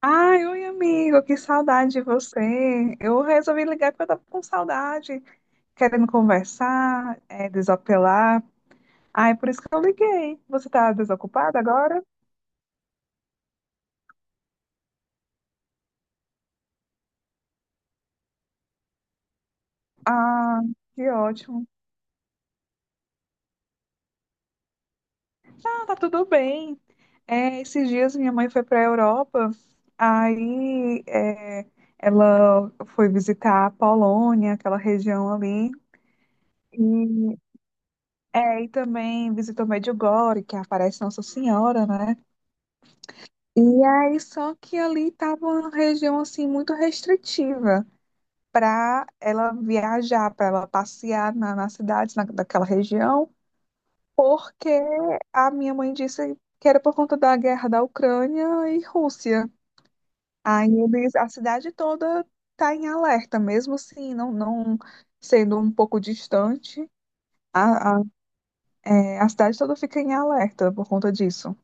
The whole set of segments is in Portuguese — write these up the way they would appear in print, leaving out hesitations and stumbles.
Ai, oi, amigo, que saudade de você. Eu resolvi ligar porque eu tava com saudade, querendo conversar, desapelar. Ai, por isso que eu liguei. Você tá desocupada agora? Ah, que ótimo. Ah, tá tudo bem. É, esses dias minha mãe foi para a Europa, aí é, ela foi visitar a Polônia, aquela região ali. E, e também visitou Medjugorje, que aparece Nossa Senhora, né? E aí, só que ali estava uma região assim muito restritiva para ela viajar, para ela passear na cidade, na, daquela região, porque a minha mãe disse que era por conta da guerra da Ucrânia e Rússia. Aí eles, a cidade toda está em alerta, mesmo assim, não sendo um pouco distante, a, a, a cidade toda fica em alerta por conta disso.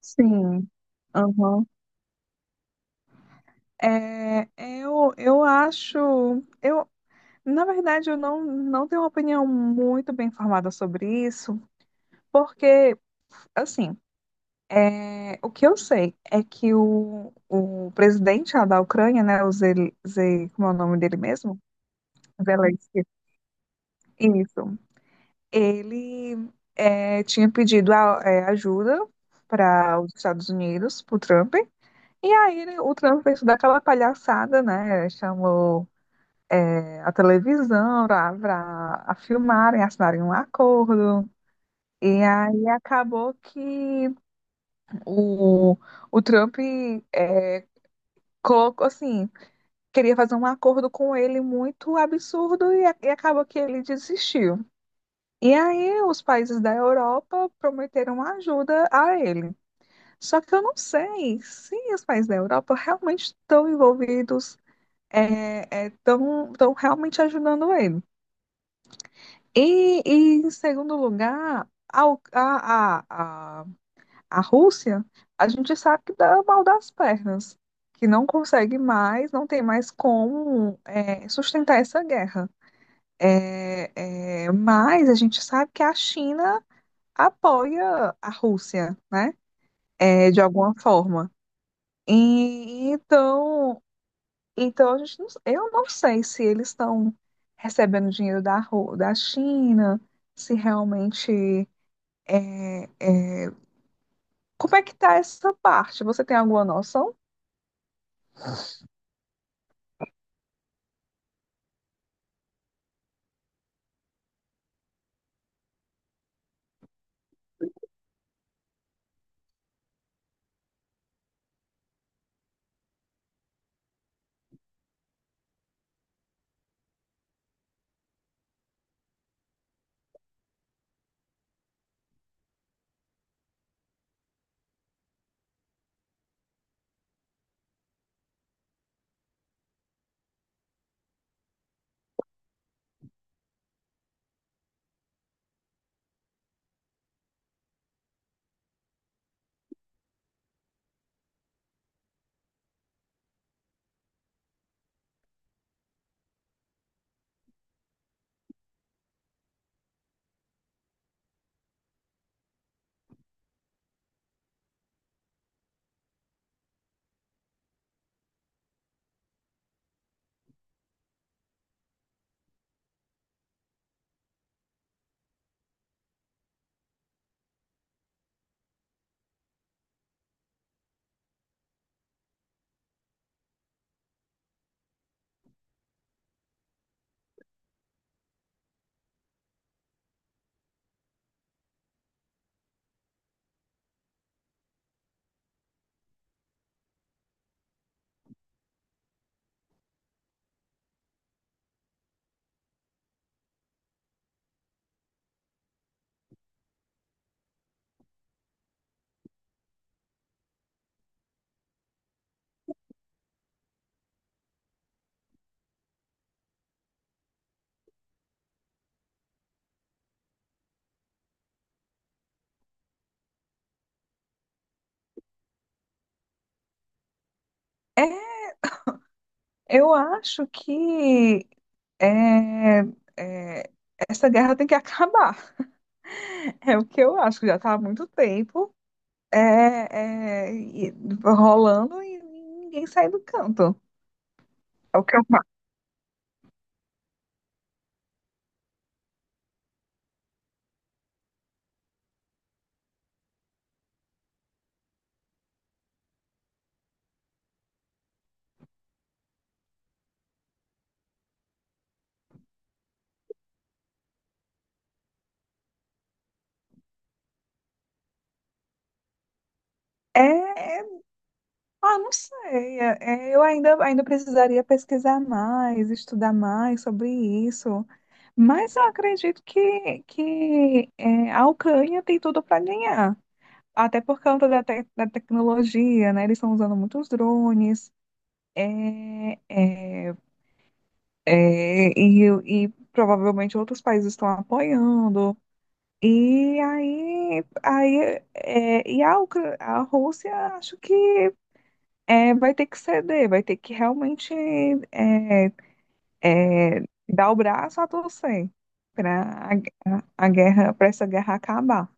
Sim. Aham. É, eu acho, eu, na verdade, eu não tenho uma opinião muito bem formada sobre isso, porque, assim, é, o que eu sei é que o presidente lá da Ucrânia, né, o como é o nome dele mesmo? Zelensky. Isso. Ele tinha pedido ajuda para os Estados Unidos, para o Trump. E aí o Trump fez toda aquela palhaçada, né? Chamou a televisão para a filmarem, assinarem um acordo. E aí acabou que o, o Trump é, Coco, assim, queria fazer um acordo com ele muito absurdo e acabou que ele desistiu. E aí os países da Europa prometeram ajuda a ele. Só que eu não sei se os países da Europa realmente estão envolvidos, estão realmente ajudando ele. Em segundo lugar, a, U- a, a a Rússia, a gente sabe que dá mal das pernas, que não consegue mais, não tem mais como sustentar essa guerra. Mas a gente sabe que a China apoia a Rússia, né? É, de alguma forma. E, então, então a gente não- eu não sei se eles estão recebendo dinheiro da China, se realmente. é, Como é que tá essa parte? Você tem alguma noção? Eu acho que é, é, essa guerra tem que acabar. É o que eu acho, que já está há muito tempo é, é, e- rolando e ninguém sai do canto. É o que eu acho. É, ah, não sei. Ainda precisaria pesquisar mais, estudar mais sobre isso. Mas eu acredito que a Ucrânia tem tudo para ganhar. Até por conta da tecnologia, né? Eles estão usando muitos drones. É, é, e provavelmente outros países estão apoiando. E aí, aí é, e a, Ucra- A Rússia acho que vai ter que ceder, vai ter que realmente é, é, dar o braço a torcer para a guerra, para essa guerra acabar.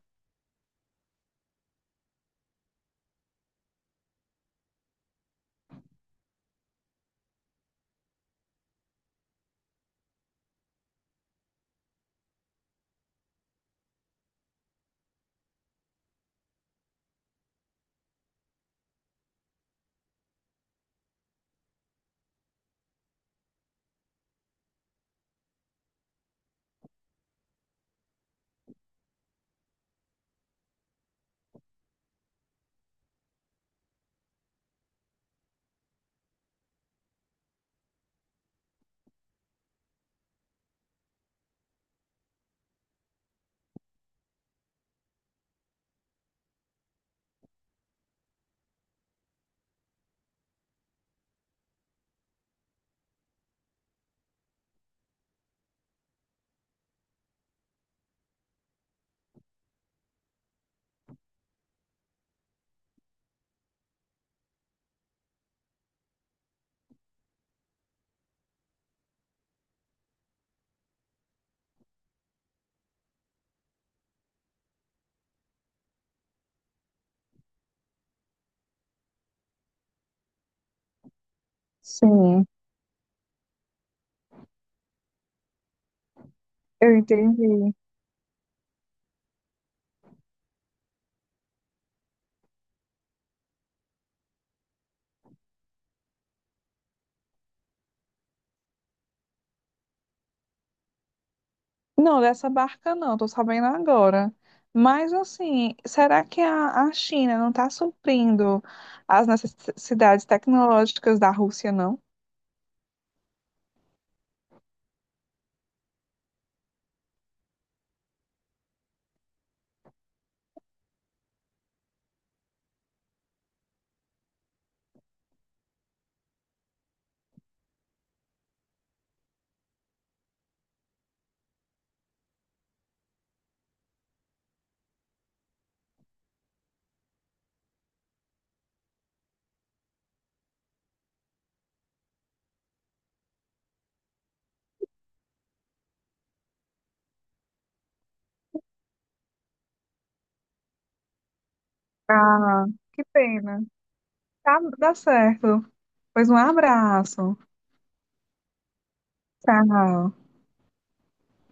Sim, eu entendi. Não, dessa barca não, tô sabendo agora. Mas assim, será que a China não está suprindo as necessidades tecnológicas da Rússia, não? Ah, que pena. Tá, dá certo. Pois um abraço. Tchau.